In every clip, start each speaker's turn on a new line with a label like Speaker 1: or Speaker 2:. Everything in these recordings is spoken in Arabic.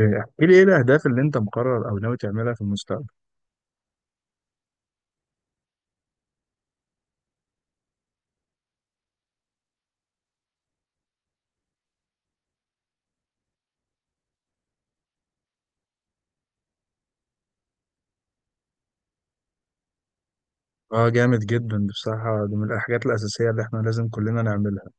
Speaker 1: إيه، احكي لي ايه الاهداف اللي انت مقرر او ناوي تعملها في المستقبل؟ اه، جامد جدا بصراحة، دي من الحاجات الاساسية اللي احنا لازم كلنا نعملها.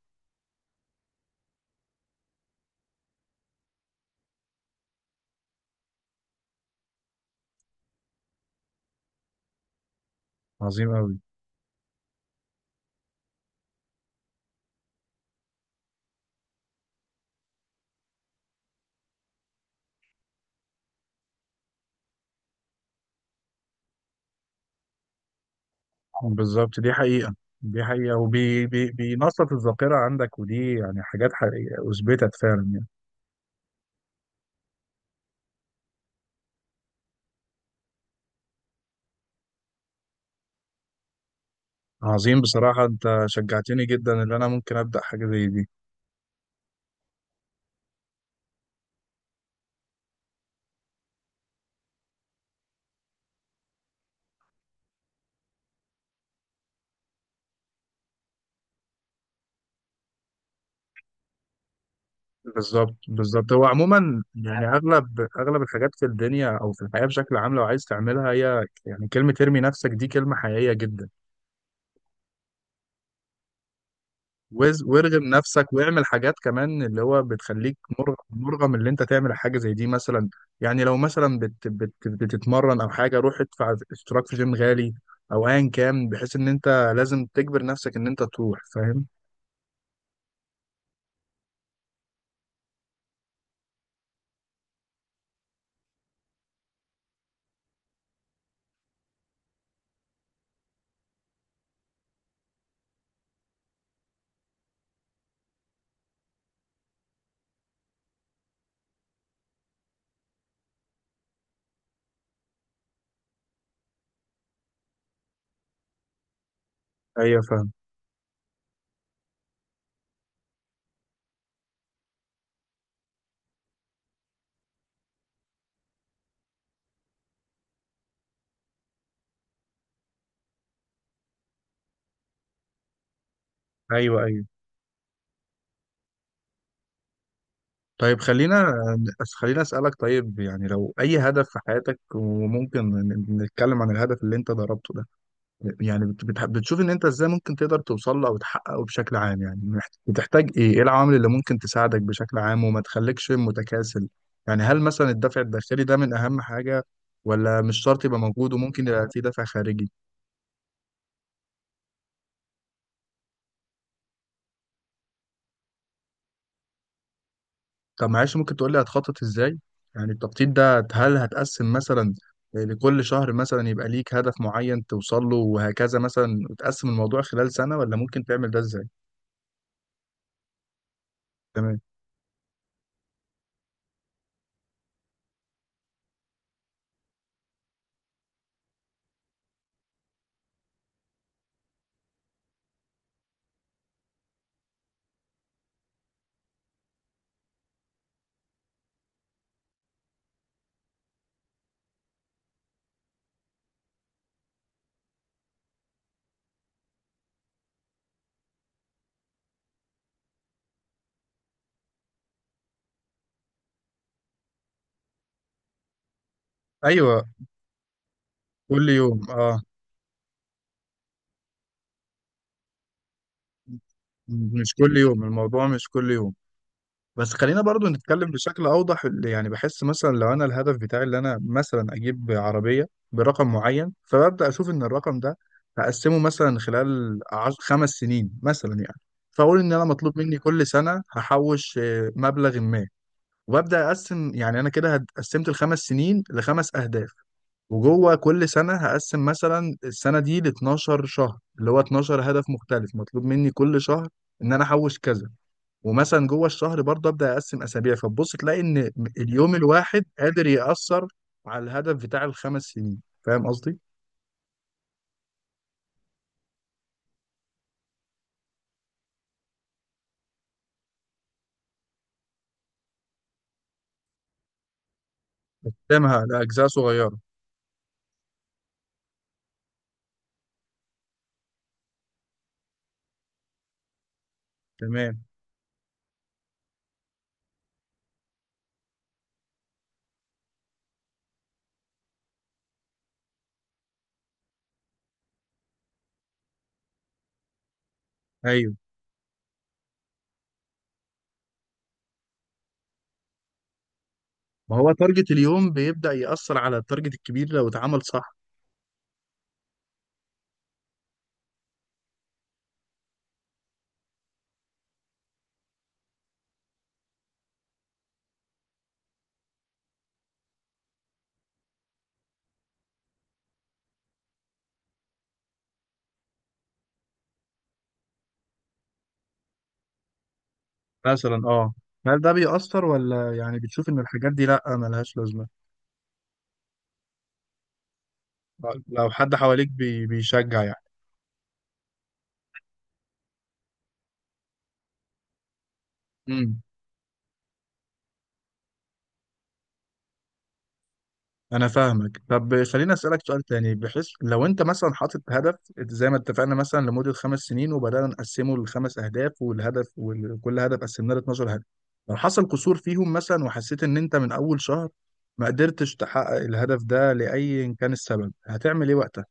Speaker 1: عظيم قوي. بالظبط، دي حقيقة. دي حقيقة، وبي بي بينشط الذاكرة عندك، ودي يعني حاجات حقيقية اثبتت فعلا يعني. عظيم بصراحة، انت شجعتني جدا ان انا ممكن ابدأ حاجة زي دي. بالظبط بالظبط، هو عموما يعني اغلب الحاجات في الدنيا او في الحياة بشكل عام لو عايز تعملها، هي يعني كلمة ارمي نفسك دي كلمة حقيقية جدا. وارغم نفسك واعمل حاجات كمان اللي هو بتخليك مرغم اللي انت تعمل حاجه زي دي مثلا. يعني لو مثلا بت بت بتتمرن او حاجه، روح ادفع اشتراك في جيم غالي او ايا كان، بحيث ان انت لازم تجبر نفسك ان انت تروح، فاهم؟ ايوه فاهم. ايوه، ايوه. طيب، خلينا اسالك، طيب يعني لو اي هدف في حياتك، وممكن نتكلم عن الهدف اللي انت ضربته ده، يعني بتشوف ان انت ازاي ممكن تقدر توصل له او تحققه بشكل عام، يعني بتحتاج ايه العوامل اللي ممكن تساعدك بشكل عام وما تخليكش متكاسل؟ يعني هل مثلا الدافع الداخلي ده من اهم حاجة، ولا مش شرط يبقى موجود وممكن يبقى في دافع خارجي؟ طب معلش، ممكن تقول لي هتخطط ازاي؟ يعني التخطيط ده هل هتقسم مثلا لكل شهر، مثلا يبقى ليك هدف معين توصل له وهكذا مثلا، وتقسم الموضوع خلال سنة، ولا ممكن تعمل ده ازاي؟ تمام. ايوه، كل يوم اه. مش كل يوم، الموضوع مش كل يوم، بس خلينا برضو نتكلم بشكل اوضح. اللي يعني بحس مثلا لو انا الهدف بتاعي اللي انا مثلا اجيب عربيه برقم معين، فببدا اشوف ان الرقم ده هقسمه مثلا خلال خمس سنين مثلا، يعني فاقول ان انا مطلوب مني كل سنه هحوش مبلغ ما، وببدا اقسم. يعني انا كده قسمت الخمس سنين لخمس اهداف، وجوه كل سنه هقسم مثلا السنه دي ل 12 شهر اللي هو 12 هدف مختلف مطلوب مني كل شهر ان انا احوش كذا، ومثلا جوه الشهر برضه ابدا اقسم اسابيع، فتبص تلاقي ان اليوم الواحد قادر ياثر على الهدف بتاع الخمس سنين. فاهم قصدي؟ قسمها لاجزاء صغيره، تمام. ايوه، ما هو تارجت اليوم بيبدا ياثر على التارجت الكبير لو اتعمل صح. مثلا اه. هل ده بيأثر، ولا يعني بتشوف ان الحاجات دي لا ملهاش لازمه؟ آه، لو حد حواليك بيشجع يعني. مم. انا فاهمك. طب خليني اسالك سؤال تاني، بحيث لو انت مثلا حاطط هدف زي ما اتفقنا مثلا لمده خمس سنين، وبدانا نقسمه لخمس اهداف، وكل هدف قسمناه ل 12 هدف، لو حصل قصور فيهم مثلا وحسيت ان انت من اول شهر ما قدرتش تحقق الهدف ده لاي إن كان السبب، هتعمل ايه وقتها؟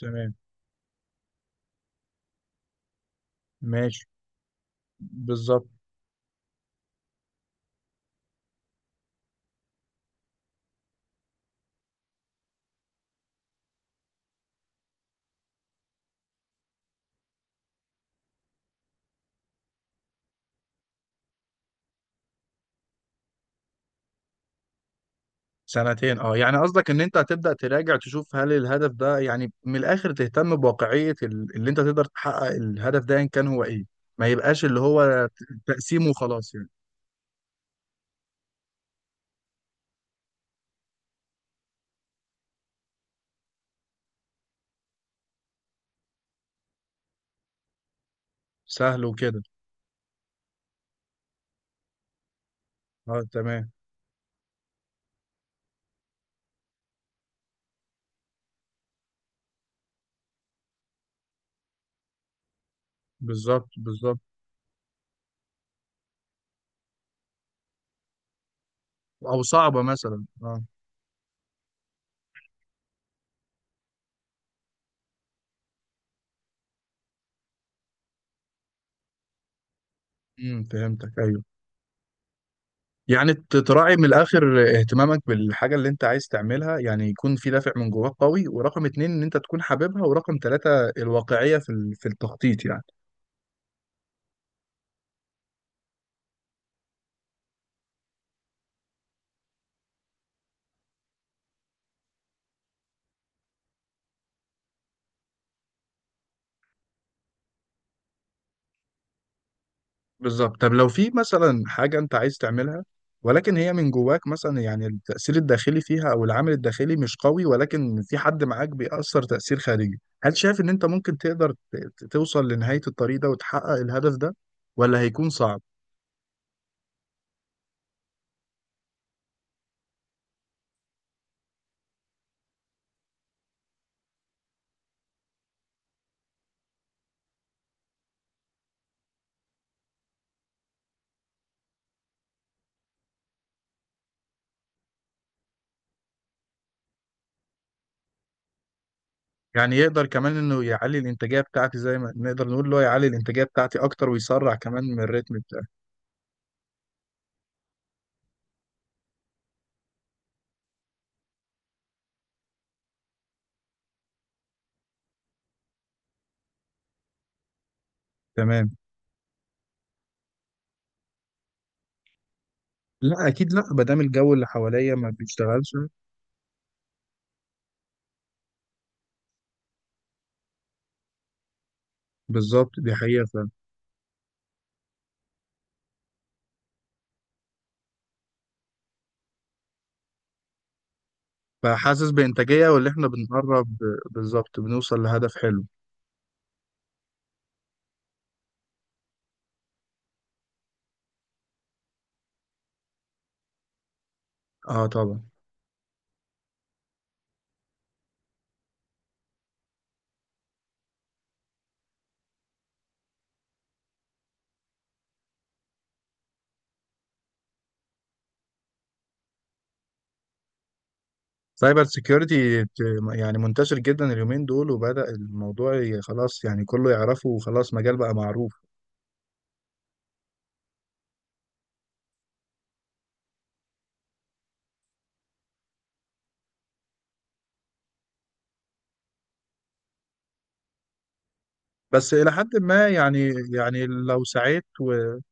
Speaker 1: تمام. ماشي. بالظبط. سنتين اه، يعني قصدك ان انت هتبدأ تراجع تشوف هل الهدف ده، يعني من الاخر تهتم بواقعية اللي انت تقدر تحقق الهدف ده ان كان هو ايه، ما يبقاش اللي هو تقسيمه وخلاص يعني؟ سهل وكده. اه، تمام. بالظبط بالظبط. او صعبة مثلا اه. فهمتك، ايوه. يعني تراعي من الاخر اهتمامك بالحاجة اللي انت عايز تعملها، يعني يكون في دافع من جواك قوي، ورقم اتنين ان انت تكون حاببها، ورقم تلاتة الواقعية في التخطيط يعني. بالظبط. طب لو في مثلا حاجة انت عايز تعملها ولكن هي من جواك مثلا، يعني التأثير الداخلي فيها او العامل الداخلي مش قوي، ولكن في حد معاك بيأثر تأثير خارجي، هل شايف ان انت ممكن تقدر توصل لنهاية الطريق ده وتحقق الهدف ده، ولا هيكون صعب؟ يعني يقدر كمان انه يعلي الانتاجية بتاعتي، زي ما نقدر نقول اللي هو يعلي الانتاجية بتاعتي اكتر ويسرع كمان من الريتم بتاعي. تمام. لا اكيد لا، ما دام الجو اللي حواليا ما بيشتغلش. بالظبط، دي حقيقة. فحاسس بإنتاجية واللي احنا بنقرب. بالظبط، بنوصل لهدف حلو. اه طبعا. سايبر سيكيورتي، يعني منتشر جدا اليومين دول، وبدأ الموضوع خلاص يعني كله يعرفه وخلاص، مجال بقى معروف. بس إلى حد ما يعني لو سعيت، ولو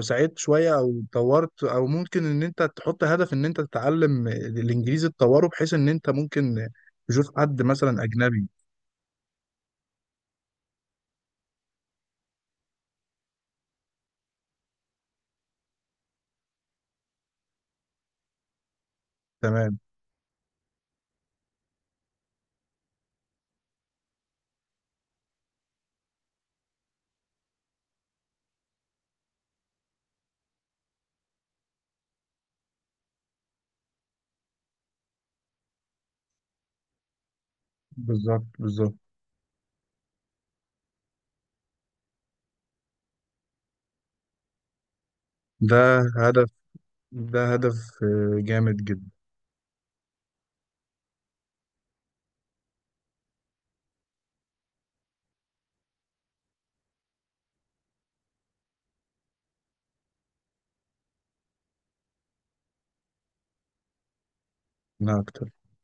Speaker 1: سعيت شوية أو طورت، أو ممكن إن أنت تحط هدف إن أنت تتعلم الإنجليزي تطوره، بحيث إن أنت ممكن تشوف حد مثلا أجنبي. تمام. بالظبط بالظبط. ده هدف، ده هدف آه، جامد جدا. لا أكتر.